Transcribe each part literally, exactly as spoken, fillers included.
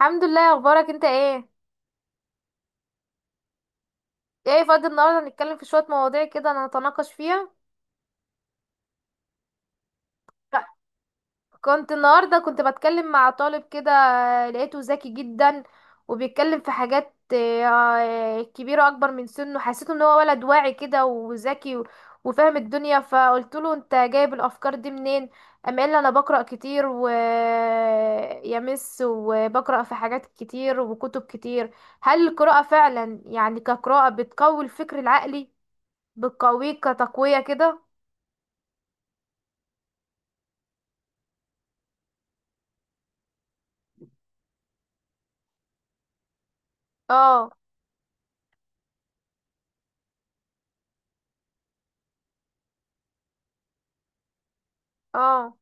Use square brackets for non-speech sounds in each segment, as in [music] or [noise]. الحمد لله. اخبارك انت ايه؟ ايه، فاضي النهارده نتكلم في شويه مواضيع كده نتناقش فيها؟ كنت النهارده كنت بتكلم مع طالب كده. لقيته ذكي جدا، وبيتكلم في حاجات آه، كبيره اكبر من سنه. حسيت ان هو ولد واعي كده وذكي و- وفاهم الدنيا، فقلت له انت جايب الافكار دي منين؟ قام قال لي انا بقرا كتير ويا مس، وبقرا في حاجات كتير وكتب كتير. هل القراءه فعلا يعني كقراءه بتقوي الفكر العقلي؟ بتقويك كتقوية كده؟ اه. اه.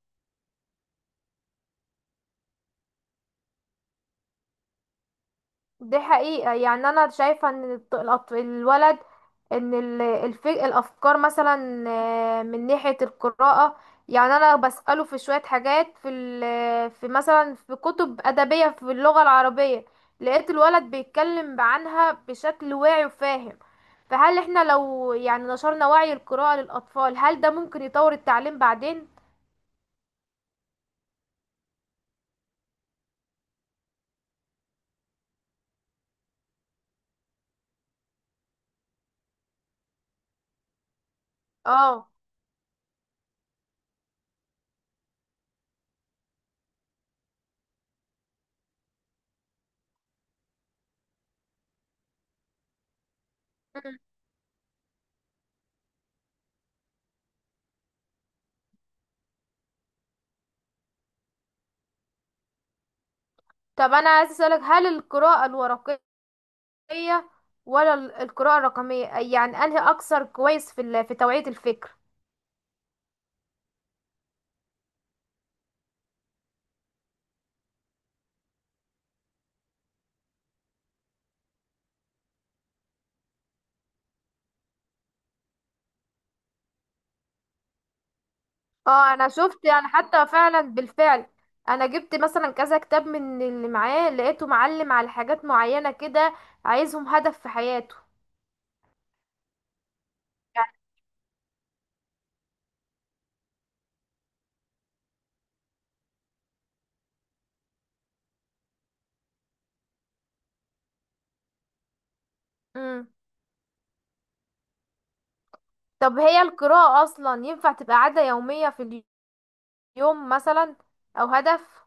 دي حقيقة، يعني انا شايفة ان الط- الأط- الولد، ان ال- الف... الافكار مثلا، آه، من ناحية القراءة. يعني انا بسأله في شوية حاجات، في ال... في مثلا في كتب ادبية في اللغة العربية. لقيت الولد بيتكلم عنها بشكل واعي وفاهم. فهل احنا لو يعني نشرنا وعي القراءة للأطفال هل ده ممكن يطور التعليم بعدين؟ اه. طب انا عايز اسالك، هل القراءه الورقيه ولا ال- القراءه الرقميه، يعني انهي اكثر كويس في ال- في توعيه الفكر؟ اه، انا شفت يعني حتى فعلا بالفعل. انا جبت مثلا كذا كتاب من اللي معاه لقيته معلم على حاجات معينه كده، عايزهم هدف في حياته. يعني. امم. طب هي القراءه اصلا ينفع تبقى عاده يوميه في اليوم مثلا، او هدف؟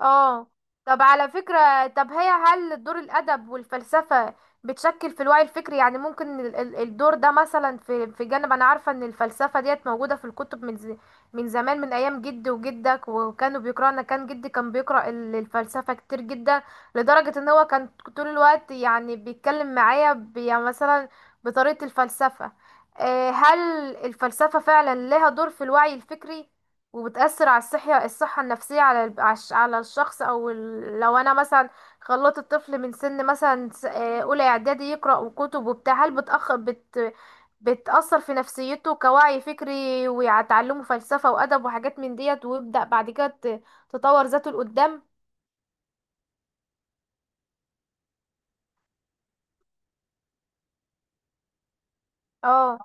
اه. طب على فكرة، طب هي هل دور الأدب والفلسفة بتشكل في الوعي الفكري، يعني ممكن ال- ال- الدور ده مثلا في في جانب. أنا عارفة إن الفلسفة ديت موجودة في الكتب من ز... من زمان، من أيام جدي وجدك وكانوا بيقرأوا. أنا كان جدي كان بيقرأ ال- الفلسفة كتير جدا، لدرجة إن هو كان طول الوقت يعني بيتكلم معايا ب... يعني مثلا بطريقة الفلسفة. آه، هل الفلسفة فعلا لها دور في الوعي الفكري وبتأثر على الصحة الصحة النفسية، على الب- على الش- على الشخص، او ال- لو انا مثلا خلطت الطفل من سن مثلا س- آه، اولى اعدادي يقرأ كتب وبتاع، هل بتأخ بت بتأثر في نفسيته كوعي فكري وتعلمه فلسفة وأدب وحاجات من ديت، ويبدأ بعد كده ت- تطور ذاته لقدام. اه.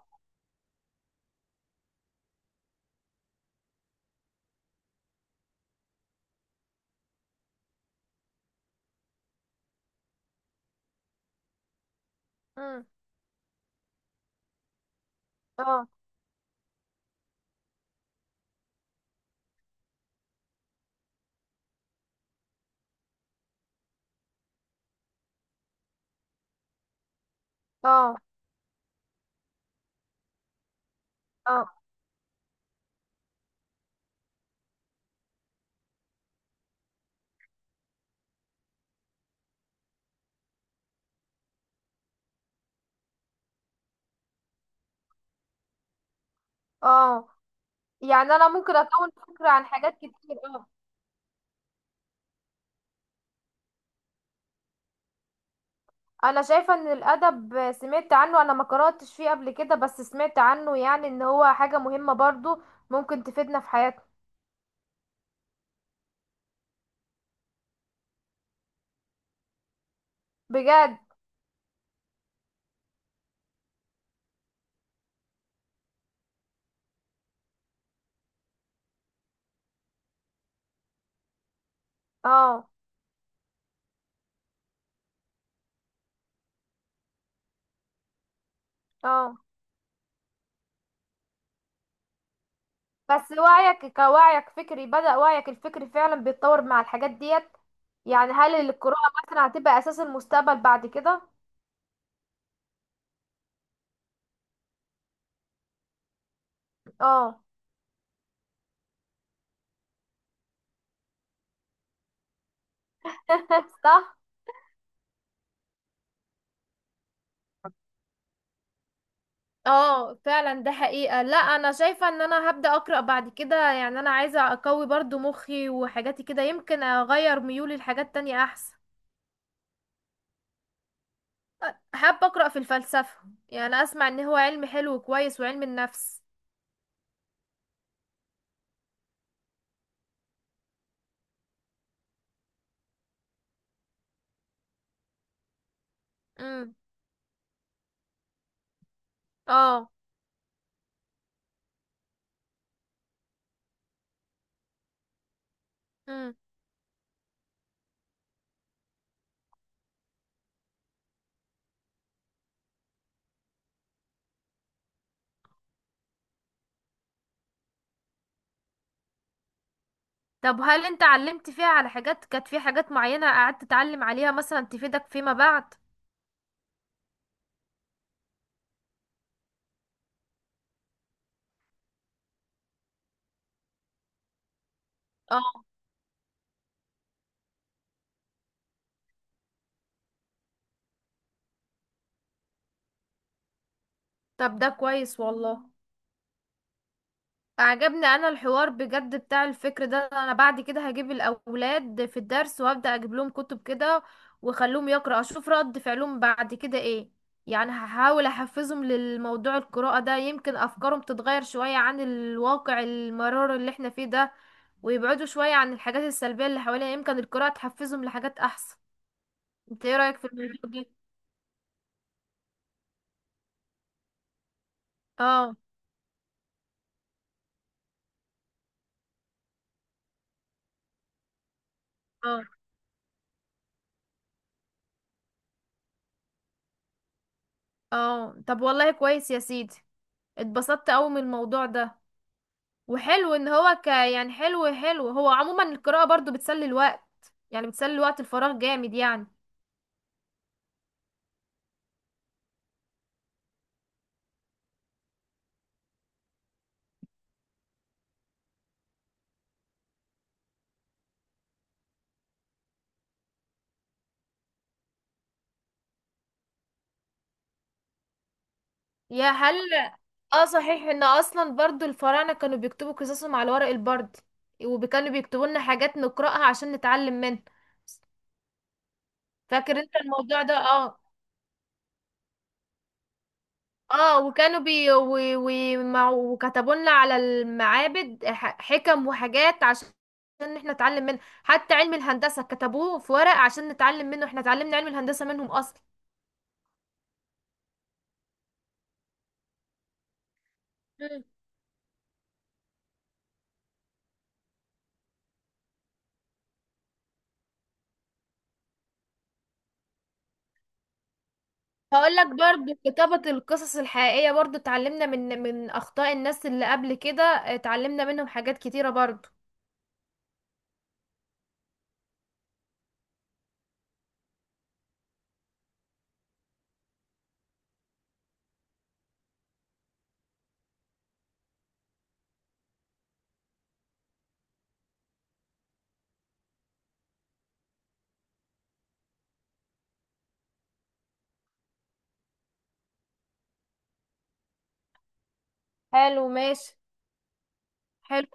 امم. اه. اه. اه. اه. يعني انا ممكن اكون فكرة عن حاجات كتير. اه. انا شايفة ان الادب سمعت عنه، انا ما قرأتش فيه قبل كده بس سمعت عنه، يعني ان هو حاجة مهمة برضو ممكن تفيدنا في حياتنا. بجد؟ اه. اه. بس وعيك كوعيك فكري بدأ وعيك الفكري فعلا بيتطور مع الحاجات ديت. يعني هل القراءة مثلا هتبقى اساس المستقبل بعد كده؟ اه. [laughs] صح. اه، فعلا ده حقيقة. لا، انا شايفة ان انا هبدأ اقرأ بعد كده، يعني انا عايزة اقوي برضو مخي وحاجاتي كده، يمكن اغير ميولي لحاجات تانية احسن. حابة أقرأ في الفلسفة، يعني أسمع إن هو علم حلو وكويس، وعلم النفس. امم. اه. امم. طب هل أنت علمت فيها على حاجات، كانت في حاجات معينة قعدت تتعلم عليها مثلا تفيدك فيما بعد؟ اه، طب ده كويس والله. عجبني انا الحوار بجد بتاع الفكر ده، انا بعد كده هجيب الاولاد في الدرس وابدا اجيب لهم كتب كده، واخليهم يقرا اشوف رد فعلهم بعد كده ايه. يعني هحاول احفزهم للموضوع القراءة ده، يمكن افكارهم تتغير شوية عن الواقع المرار اللي احنا فيه ده، ويبعدوا شوية عن الحاجات السلبية اللي حوالينا، يمكن القراءة تحفزهم لحاجات احسن. انت ايه رأيك في الموضوع ده؟ اه. اه. اه، طب والله كويس يا سيدي. اتبسطت قوي من الموضوع ده، وحلو ان هو ك يعني حلو حلو، هو عموما القراءة برضو بتسلي الوقت، يعني بتسلي وقت الفراغ جامد يعني. يا هل. اه، صحيح ان اصلا برضو الفراعنة كانوا بيكتبوا قصصهم على ورق البرد، وكانوا بيكتبوا لنا حاجات نقرأها عشان نتعلم منها. فاكر انت الموضوع ده؟ اه. اه، وكانوا بي و... و... مع- وكتبوا لنا على المعابد ح- حكم وحاجات عشان ان احنا نتعلم منها. حتى علم الهندسة كتبوه في ورق عشان نتعلم منه، احنا اتعلمنا علم الهندسة منهم اصلا. هقول لك برضو كتابة القصص الحقيقية برضو اتعلمنا من من أخطاء الناس اللي قبل كده، اتعلمنا منهم حاجات كتيرة برضو. حلو، ماشي. حلو.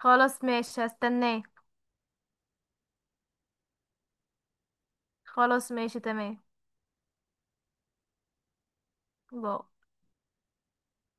خلاص، ماشي، هستناه. خلاص، ماشي، تمام. باي.